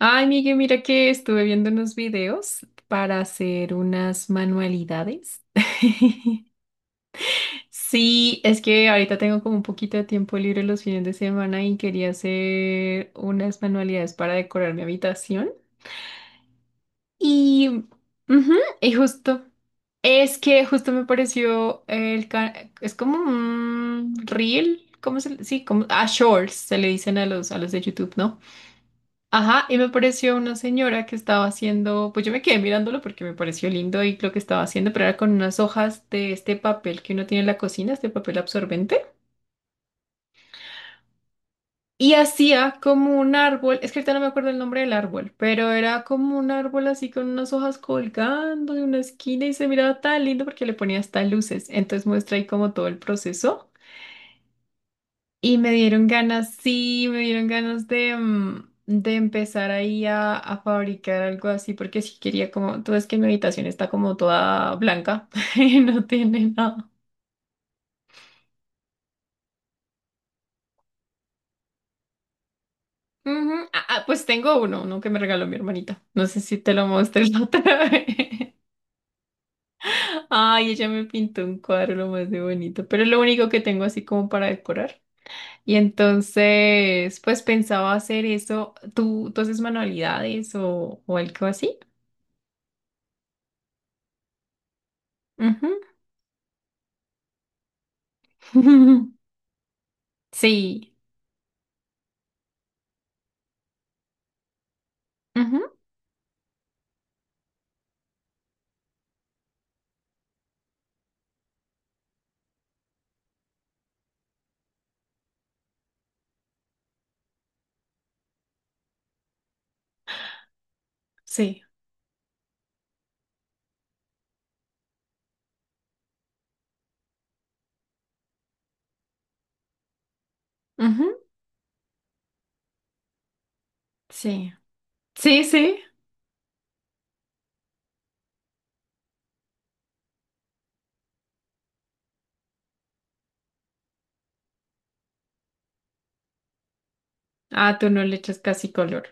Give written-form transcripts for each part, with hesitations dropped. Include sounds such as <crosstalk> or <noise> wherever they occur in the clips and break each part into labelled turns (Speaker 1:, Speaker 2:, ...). Speaker 1: Ay, Miguel, mira que estuve viendo unos videos para hacer unas manualidades. <laughs> Sí, es que ahorita tengo como un poquito de tiempo libre los fines de semana y quería hacer unas manualidades para decorar mi habitación. Y, ujú, y justo, es que justo me pareció el, ca- es como un reel, Sí, como, a shorts se le dicen a los de YouTube, ¿no? Ajá, y me apareció una señora que estaba haciendo, pues yo me quedé mirándolo porque me pareció lindo y lo que estaba haciendo, pero era con unas hojas de este papel que uno tiene en la cocina, este papel absorbente, y hacía como un árbol, es que ahorita no me acuerdo el nombre del árbol, pero era como un árbol así con unas hojas colgando de una esquina y se miraba tan lindo porque le ponía hasta luces, entonces muestra ahí como todo el proceso. Y me dieron ganas, sí, me dieron ganas de, de empezar ahí a fabricar algo así, porque si quería como, tú ves que mi habitación está como toda blanca, <laughs> y no tiene nada. Ujú. Ah, ah, pues tengo uno que me regaló mi hermanita. No sé si te lo mostré la otra vez. <laughs> Ay, ella me pintó un cuadro lo más de bonito, pero es lo único que tengo así como para decorar. Y entonces, pues pensaba hacer eso. ¿Tú haces manualidades o algo así? Ujú. <laughs> Sí. Ujú, sí. Ujú, sí. Sí, sí. Ah, tú no le echas casi color.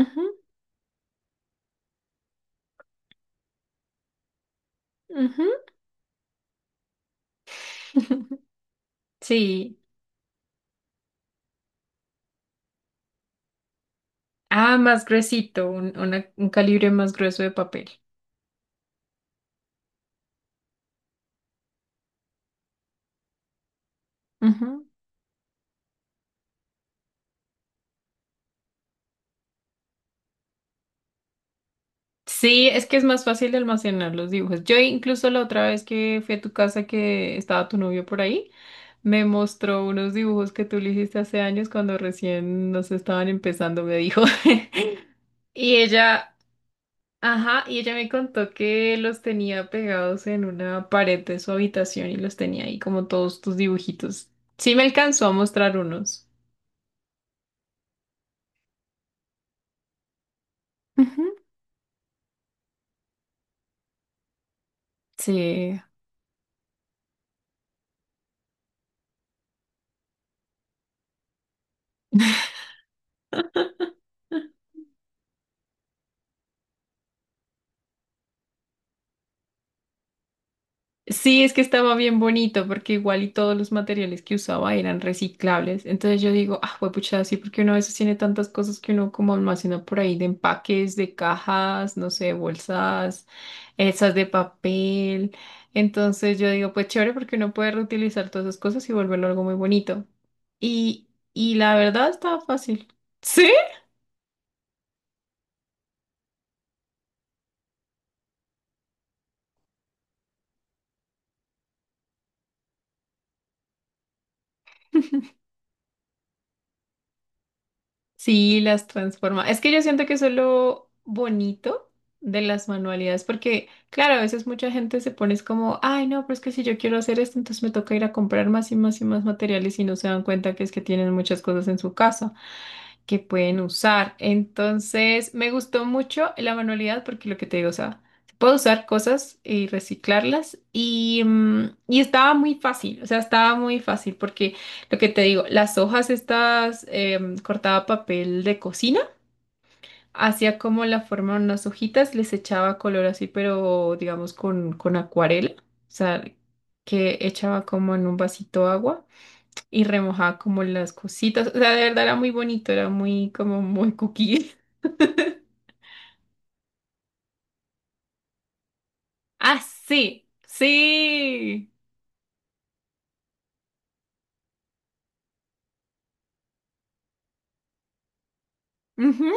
Speaker 1: Ujú, ujú. <laughs> Sí. Ah, más gruesito, un calibre más grueso de papel. Ujú. Sí, es que es más fácil de almacenar los dibujos. Yo incluso la otra vez que fui a tu casa que estaba tu novio por ahí, me mostró unos dibujos que tú le hiciste hace años cuando recién nos estaban empezando, me dijo. <laughs> Y ella Ajá, y ella me contó que los tenía pegados en una pared de su habitación y los tenía ahí como todos tus dibujitos. Sí me alcanzó a mostrar unos. Ujú, sí, sí, es que estaba bien bonito porque igual y todos los materiales que usaba eran reciclables. Entonces yo digo, ah, pucha, sí, porque uno a veces tiene tantas cosas que uno como almacena por ahí de empaques, de cajas, no sé, bolsas, esas de papel. Entonces yo digo, pues chévere porque uno puede reutilizar todas esas cosas y volverlo algo muy bonito. Y, y la verdad estaba fácil. <laughs> Sí, las transforma. Es que yo siento que eso es lo bonito de las manualidades, porque claro, a veces mucha gente se pone es como, ay, no, pero es que si yo quiero hacer esto, entonces me toca ir a comprar más y más y más materiales y no se dan cuenta que es que tienen muchas cosas en su casa que pueden usar. Entonces, me gustó mucho la manualidad porque lo que te digo, o sea, se puede usar cosas y reciclarlas y, y estaba muy fácil, o sea, estaba muy fácil porque lo que te digo, las hojas estas cortaba papel de cocina, hacía como la forma de unas hojitas, les echaba color así, pero digamos con acuarela, o sea, que echaba como en un vasito agua y remojaba como las cositas. O sea, de verdad era muy bonito, era muy cookie. <laughs> Ah, sí, sí. Ujú,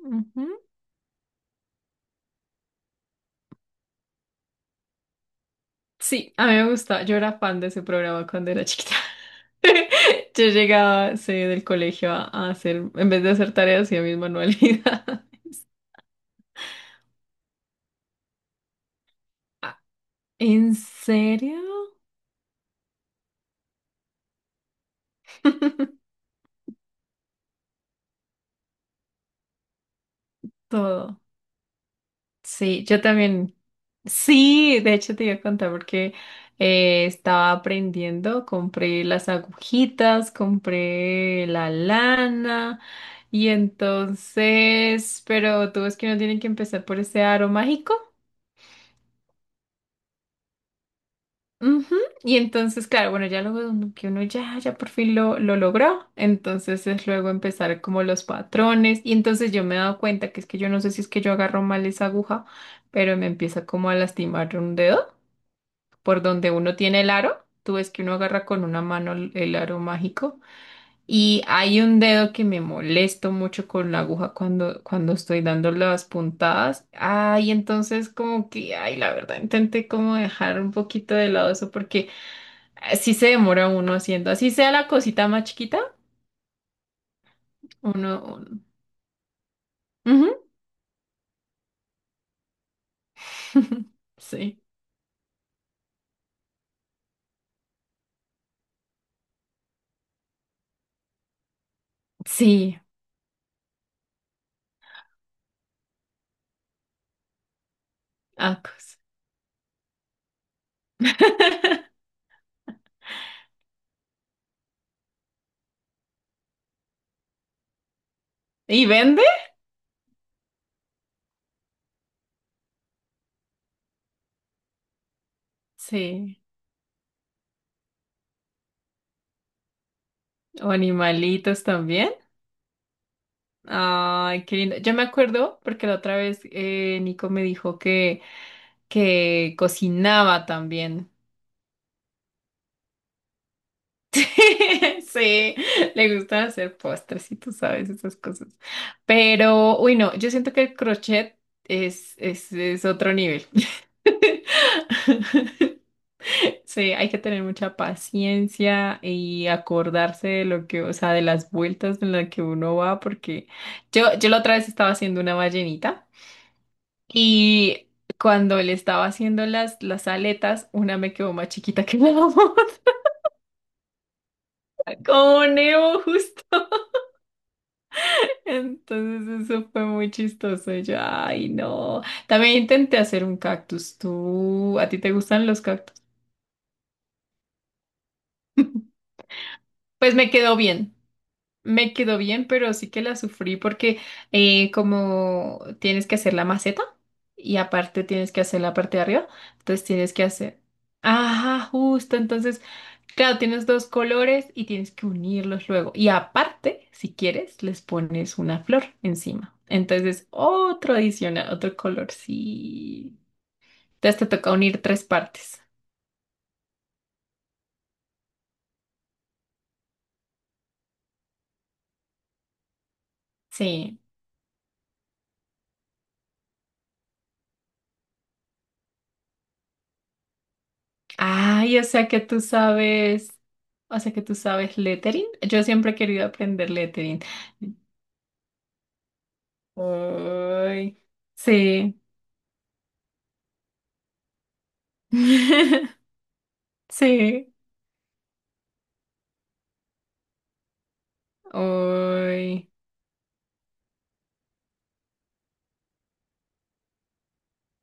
Speaker 1: ujú. Sí, a mí me gustaba. Yo era fan de ese programa cuando era chiquita. <laughs> Yo llegaba, sí, del colegio a hacer, en vez de hacer tareas, hacía mis manualidades. <laughs> Ah, ¿en serio? <laughs> Todo. Sí, yo también. Sí, de hecho te iba a contar porque estaba aprendiendo, compré las agujitas, compré la lana y entonces, pero tú ves que uno tiene que empezar por ese aro mágico. Ujú, y entonces, claro, bueno, ya que uno ya, ya por fin lo logró, entonces es luego empezar como los patrones y entonces yo me he dado cuenta que es que yo no sé si es que yo agarro mal esa aguja, pero me empieza como a lastimar un dedo por donde uno tiene el aro. Tú ves que uno agarra con una mano el aro mágico. Y hay un dedo que me molesto mucho con la aguja cuando, cuando estoy dando las puntadas. Ay, entonces como que, ay, la verdad, intenté como dejar un poquito de lado eso porque así se demora uno haciendo, así sea la cosita más chiquita, uno. Ujú. <laughs> Sí. Sí, acos. <laughs> ¿Y vende? Sí. O animalitos también. Ay, qué lindo. Yo me acuerdo porque la otra vez Nico me dijo que cocinaba también. <laughs> Sí, le gusta hacer postres y tú sabes esas cosas. Pero, uy, no, yo siento que el crochet es otro nivel. <laughs> Sí, hay que tener mucha paciencia y acordarse de lo que, o sea, de las vueltas en las que uno va, porque yo la otra vez estaba haciendo una ballenita. Y cuando le estaba haciendo las aletas, una me quedó más chiquita que la otra, <laughs> como Nemo justo. Entonces eso fue muy chistoso. Y yo, ay, no. También intenté hacer un cactus. ¿Tú, a ti te gustan los cactus? Pues me quedó bien. Me quedó bien, pero sí que la sufrí porque como tienes que hacer la maceta y aparte tienes que hacer la parte de arriba, entonces tienes que hacer... Ajá, justo. Entonces claro, tienes dos colores y tienes que unirlos luego. Y aparte, si quieres, les pones una flor encima. Entonces, otro adicional, otro color, sí. Entonces te toca unir tres partes. Sí. Ay, o sea que tú sabes lettering. Yo siempre he querido aprender lettering. Ay, sí. <laughs> Sí. Ay.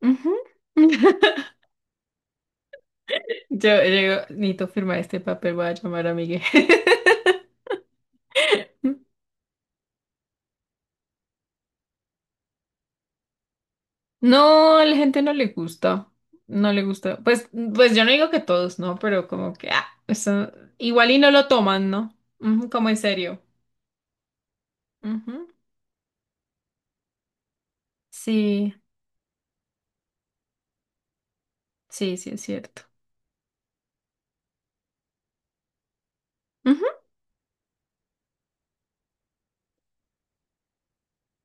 Speaker 1: Ujú. Yo digo, necesito firmar este papel, voy a llamar a Miguel. <laughs> No, a la gente no le gusta. No le gusta. Pues, pues yo no digo que todos, ¿no? Pero como que, ah, eso, igual y no lo toman, ¿no? Ujú, como en serio. Ujú. Sí, sí, sí, es cierto. Ujú.